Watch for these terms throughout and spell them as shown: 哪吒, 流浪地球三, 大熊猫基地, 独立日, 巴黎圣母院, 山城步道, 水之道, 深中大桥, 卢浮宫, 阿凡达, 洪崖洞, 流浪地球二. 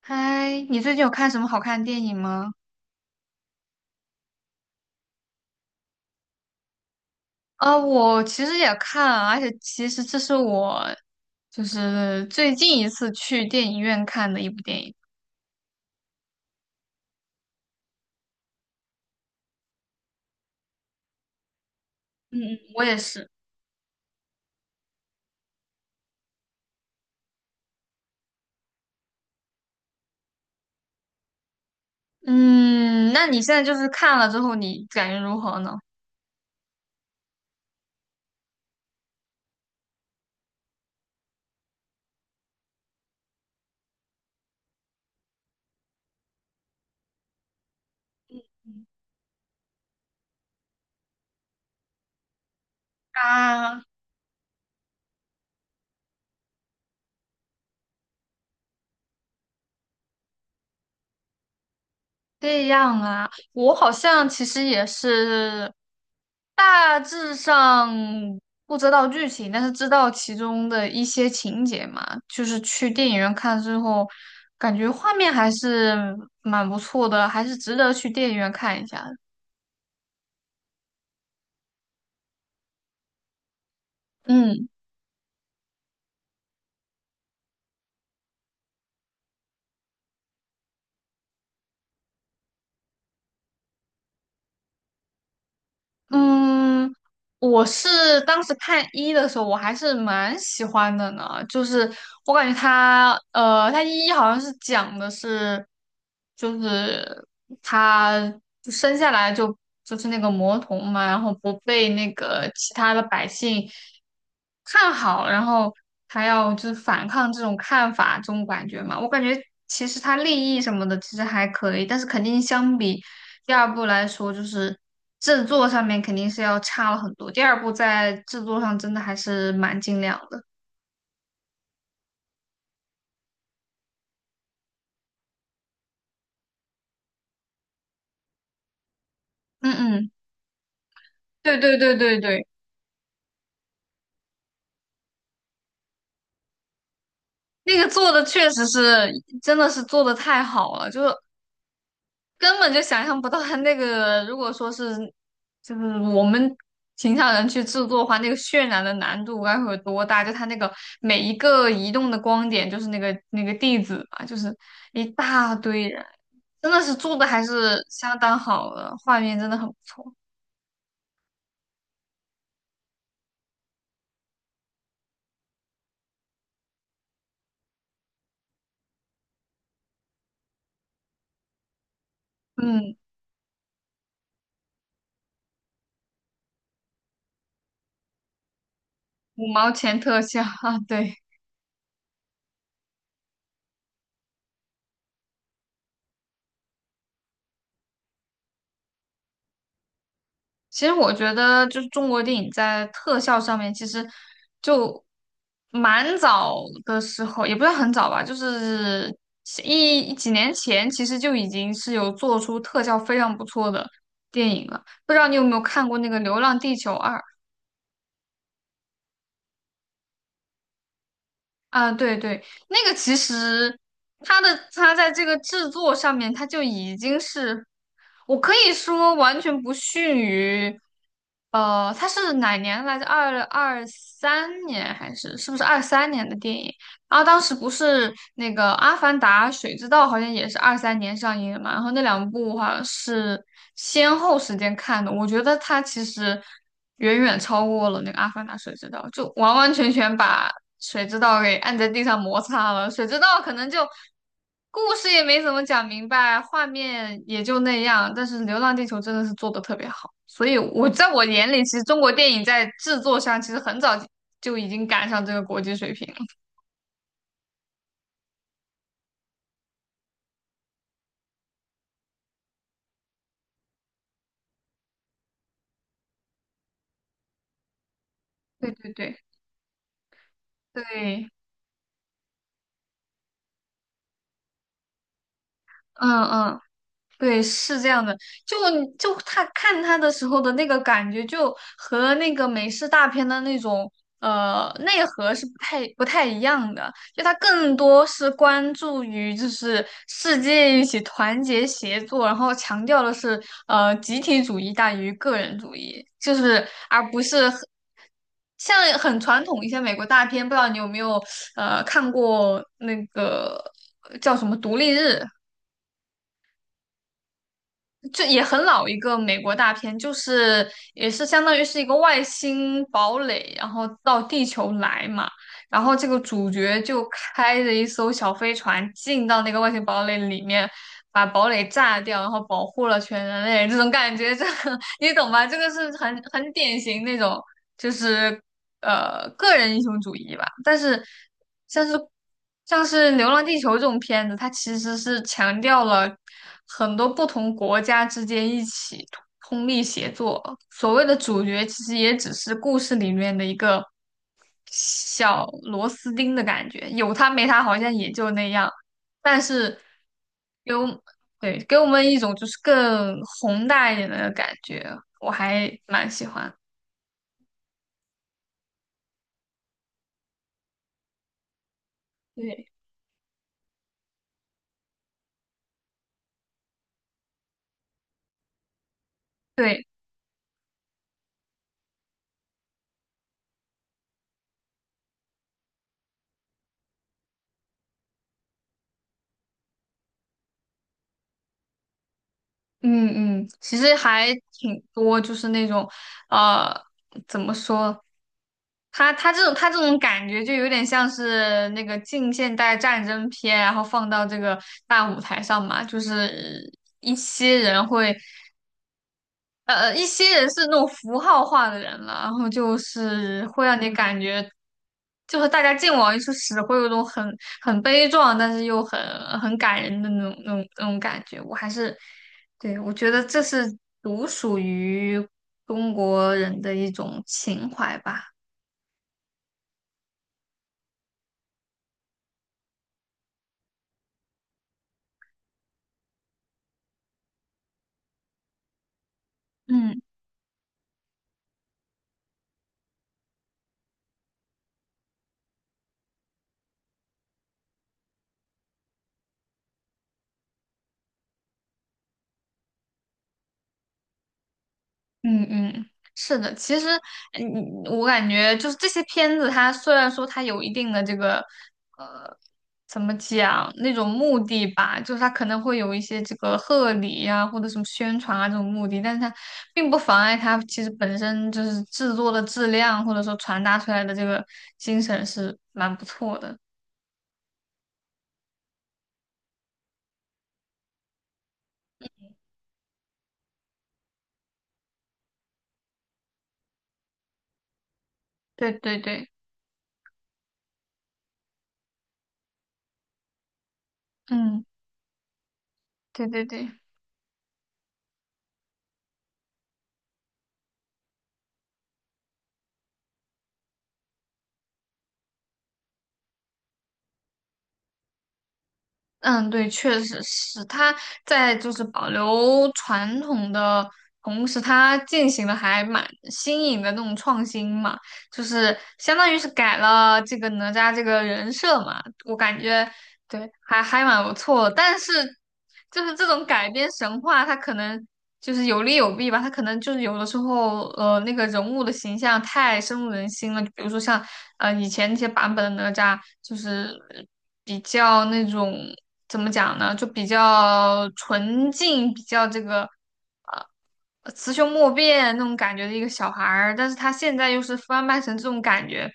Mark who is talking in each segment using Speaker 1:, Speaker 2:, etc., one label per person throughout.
Speaker 1: 嗨，你最近有看什么好看的电影吗？啊，我其实也看啊而且其实这是我就是最近一次去电影院看的一部电影。嗯嗯，我也是。嗯，那你现在就是看了之后，你感觉如何呢？啊。这样啊，我好像其实也是大致上不知道剧情，但是知道其中的一些情节嘛。就是去电影院看之后，感觉画面还是蛮不错的，还是值得去电影院看一下的嗯。嗯，我是当时看一的时候，我还是蛮喜欢的呢。就是我感觉他，他一好像是讲的是，就是他就生下来就是那个魔童嘛，然后不被那个其他的百姓看好，然后还要就是反抗这种看法，这种感觉嘛。我感觉其实它利益什么的其实还可以，但是肯定相比第二部来说，就是制作上面肯定是要差了很多。第二部在制作上真的还是蛮精良的。嗯嗯，对对对对对，那个做的确实是真的是做的太好了，就是根本就想象不到他那个，如果说是就是我们平常人去制作的话，那个渲染的难度该会有多大？就他那个每一个移动的光点，就是那个地址嘛，就是一大堆人，真的是做的还是相当好的，画面真的很不错。嗯，五毛钱特效 啊，对。其实我觉得，就是中国电影在特效上面，其实就蛮早的时候，也不是很早吧，就是一几年前，其实就已经是有做出特效非常不错的电影了。不知道你有没有看过那个《流浪地球二》？啊，对对，那个其实它在这个制作上面，它就已经是，我可以说完全不逊于，它是哪年来着？二二三年还是是不是二三年的电影？然后当时不是那个《阿凡达》《水之道》好像也是二三年上映的嘛，然后那两部好像是先后时间看的，我觉得它其实远远超过了那个《阿凡达》《水之道》，就完完全全把。谁知道给按在地上摩擦了，谁知道可能就故事也没怎么讲明白，画面也就那样。但是《流浪地球》真的是做的特别好，所以我在我眼里，其实中国电影在制作上其实很早就已经赶上这个国际水平了。对对对对，嗯嗯。对，是这样的，就就他看他的时候的那个感觉，就和那个美式大片的那种内核是不太一样的，就他更多是关注于就是世界一起团结协作，然后强调的是集体主义大于个人主义，就是而不是很像很传统一些美国大片，不知道你有没有看过那个叫什么《独立日》。就也很老一个美国大片，就是也是相当于是一个外星堡垒，然后到地球来嘛，然后这个主角就开着一艘小飞船进到那个外星堡垒里面，把堡垒炸掉，然后保护了全人类，这种感觉，这个 你懂吧？这个是很典型那种。就是个人英雄主义吧。但是像是像是《流浪地球》这种片子，它其实是强调了很多不同国家之间一起通力协作。所谓的主角其实也只是故事里面的一个小螺丝钉的感觉，有他没他好像也就那样。但是，给我们对，给我们一种就是更宏大一点的感觉，我还蛮喜欢。对，对，嗯嗯，其实还挺多，就是那种，呃，怎么说？他这种感觉就有点像是那个近现代战争片，然后放到这个大舞台上嘛，就是一些人会。一些人是那种符号化的人了，然后就是会让你感觉，就是大家见往一处使，会有一种很悲壮，但是又很感人的那种感觉。我还是，对，我觉得这是独属于中国人的一种情怀吧。嗯。嗯嗯，是的，其实，我感觉就是这些片子，它虽然说它有一定的这个，呃，怎么讲那种目的吧，就是它可能会有一些这个贺礼呀、或者什么宣传啊这种目的，但是它并不妨碍它其实本身就是制作的质量，或者说传达出来的这个精神是蛮不错的。对对对，嗯，对对对。嗯，对，确实是他在就是保留传统的同时，他进行的还蛮新颖的那种创新嘛，就是相当于是改了这个哪吒这个人设嘛，我感觉对，还蛮不错的，但是就是这种改编神话，它可能就是有利有弊吧。它可能就是有的时候，那个人物的形象太深入人心了。就比如说像以前那些版本的哪吒，就是比较那种怎么讲呢，就比较纯净，比较这个。雌雄莫辨那种感觉的一个小孩儿，但是他现在又是翻拍成这种感觉，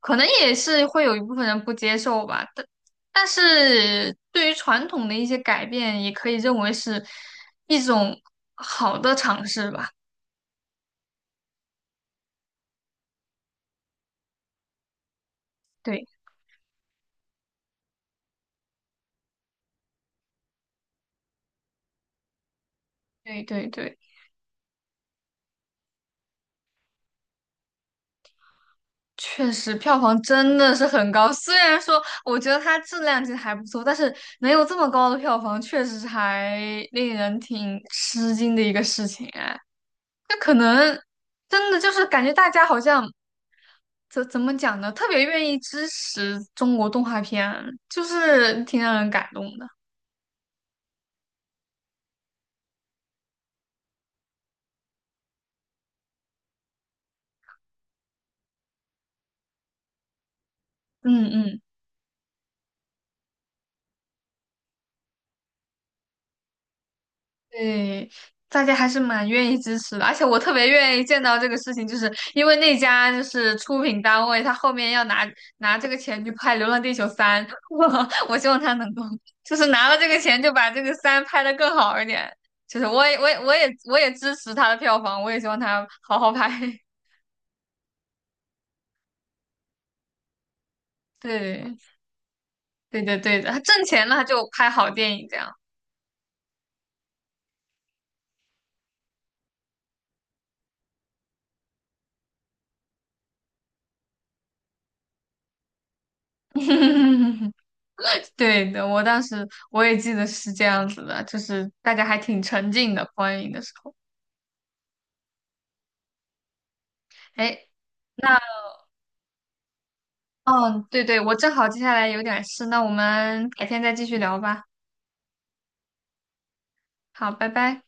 Speaker 1: 可能也是会有一部分人不接受吧。但是对于传统的一些改变，也可以认为是一种好的尝试吧。对对对对，确实票房真的是很高。虽然说我觉得它质量其实还不错，但是能有这么高的票房，确实是还令人挺吃惊的一个事情哎。那可能真的就是感觉大家好像怎么讲呢，特别愿意支持中国动画片，就是挺让人感动的。嗯嗯，对，大家还是蛮愿意支持的，而且我特别愿意见到这个事情，就是因为那家就是出品单位，他后面要拿这个钱去拍《流浪地球三》，我希望他能够就是拿了这个钱就把这个三拍的更好一点。就是我也支持他的票房，我也希望他好好拍。对，对的，对的，他挣钱了，他就拍好电影这样。对的，我当时我也记得是这样子的，就是大家还挺沉浸的观影的时候。哎，那嗯，对对，我正好接下来有点事，那我们改天再继续聊吧。好，拜拜。